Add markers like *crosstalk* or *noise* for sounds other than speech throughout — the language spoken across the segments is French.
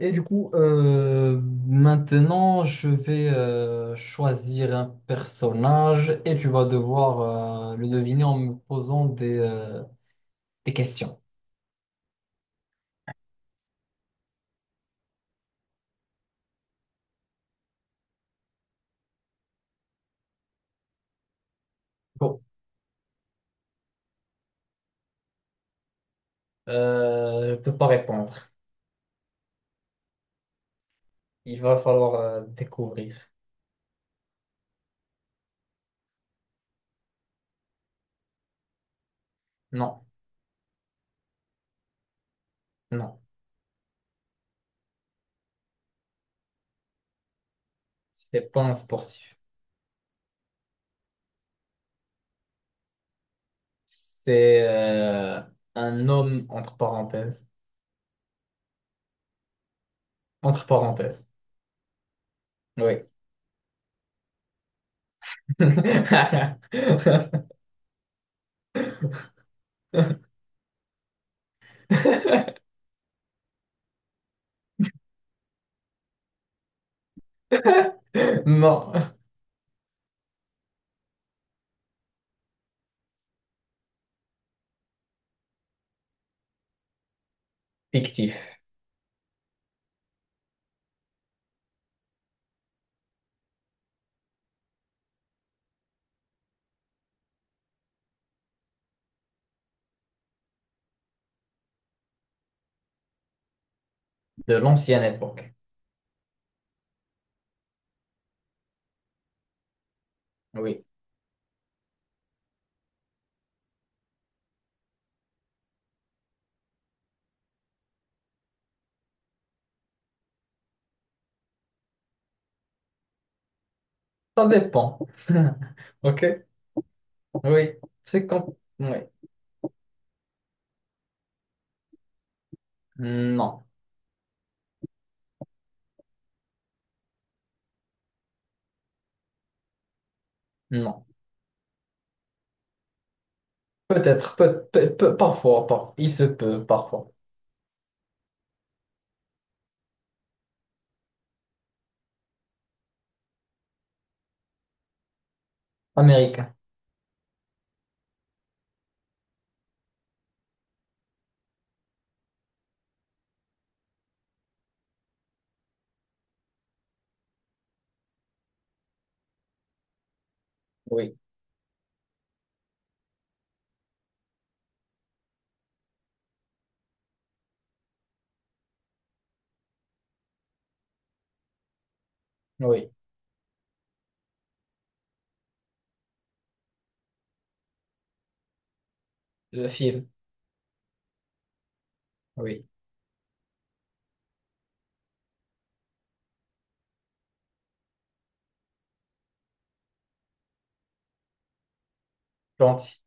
Et du coup, maintenant, je vais choisir un personnage et tu vas devoir le deviner en me posant des questions. Bon, je peux pas répondre. Il va falloir découvrir. Non, non, c'est pas un sportif. C'est un homme entre parenthèses. Entre parenthèses. Oui. *laughs* Non, fictif, de l'ancienne époque. Oui. Ça dépend. *laughs* Ok? Oui. C'est quand... Oui. Non. Non. Peut-être. Parfois, parfois. Il se peut, parfois. Américain. Oui. Oui. Le film. Oui. Gentil.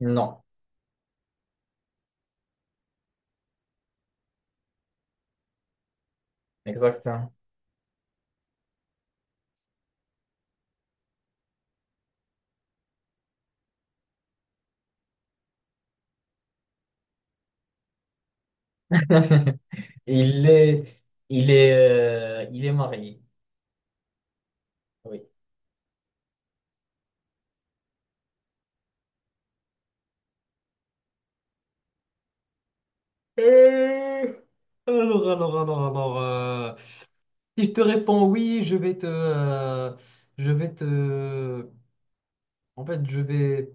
Non. Exactement. *laughs* Il est... Il est... Il est marié. Oui. Euh, alors, alors... Si je te réponds oui, je vais te... Je vais te... En fait, je vais...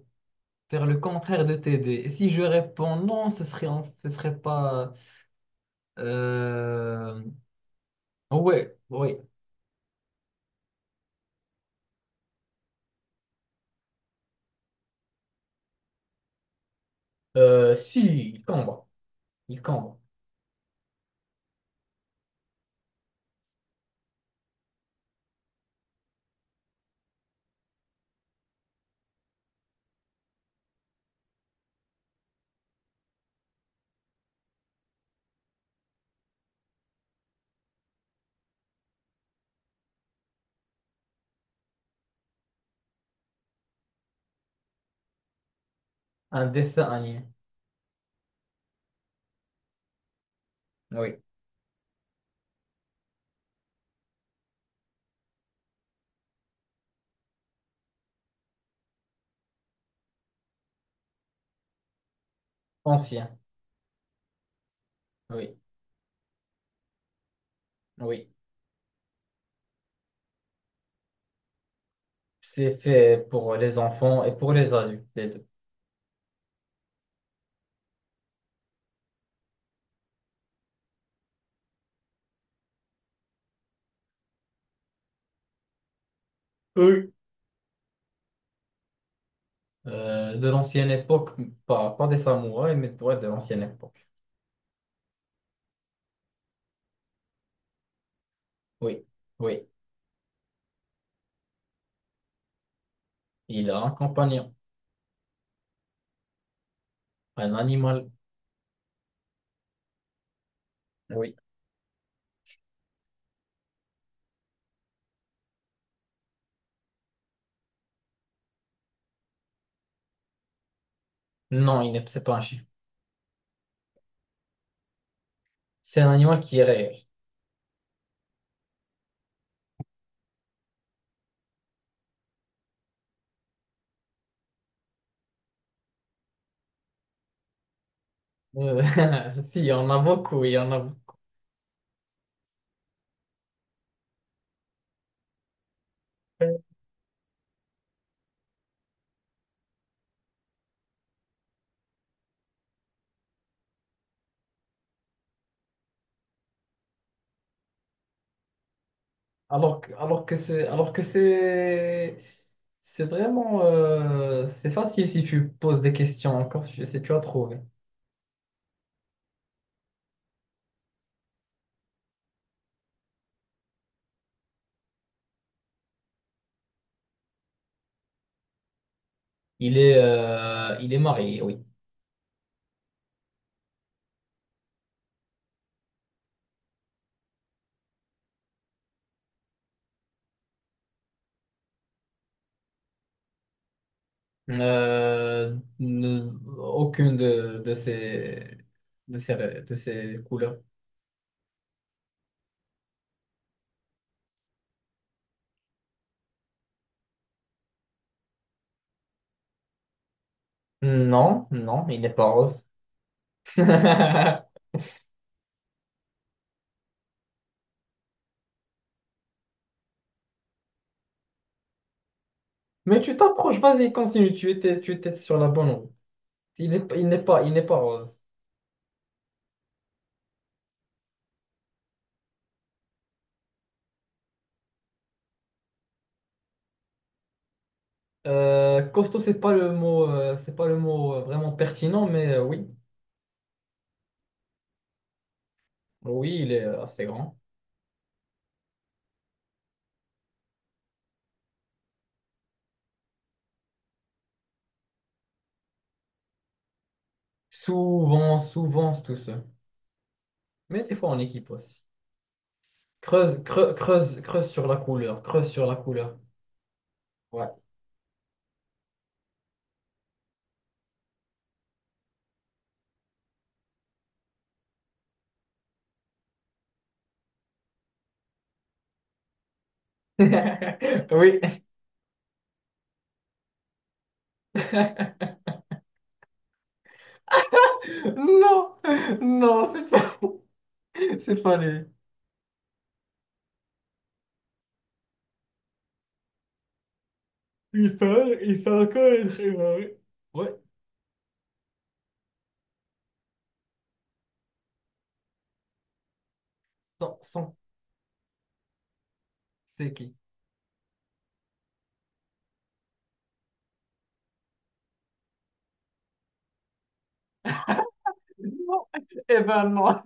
faire le contraire de t'aider. Et si je réponds non, ce serait, ce serait pas. Euh... Ouais, oui. Si, il combat. Il combat. Un dessin animé. Oui. Ancien. Oui. Oui. C'est fait pour les enfants et pour les adultes, les deux. Oui. De l'ancienne époque, pas des samouraïs, mais ouais de l'ancienne époque. Oui. Oui. Il a un compagnon. Un animal. Oui. Non, il n'est, c'est pas un chien. C'est un animal qui est réel. Euh, *laughs* si, il y en a beaucoup. Alors que c'est vraiment, c'est facile si tu poses des questions encore, si tu as trouvé. Il est marié, oui. Euh, ne- aucune de ses, de ses couleurs. Non, non, il n'est pas rose. *laughs* Mais tu t'approches, vas-y, continue, tu étais sur la bonne route. Il n'est pas rose. Costaud, c'est pas le mot, vraiment pertinent, mais oui, oui, il est assez grand. Souvent, souvent, c'est tout seul. Mais des fois en équipe aussi. Creuse, creuse, creuse sur la couleur, creuse sur la couleur. Ouais. *laughs* Oui. *laughs* Non, non, c'est pas, c'est pas lui. Il fait encore les trimarés. Ouais. Sans, sans, c'est qui? Non. Eh ben non.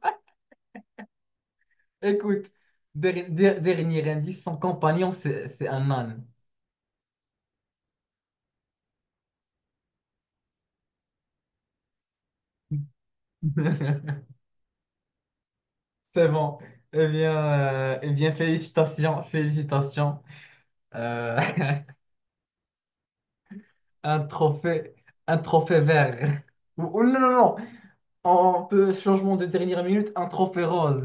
*laughs* Écoute, dernier indice, son compagnon, c'est un âne. *laughs* C'est bon. Eh bien, félicitations, félicitations. Euh, *laughs* un trophée, un trophée vert. Ou non, non, non. On peut, changement de dernière minute, un trophée rose.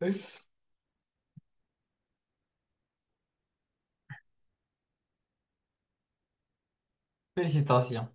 *laughs* Félicitations.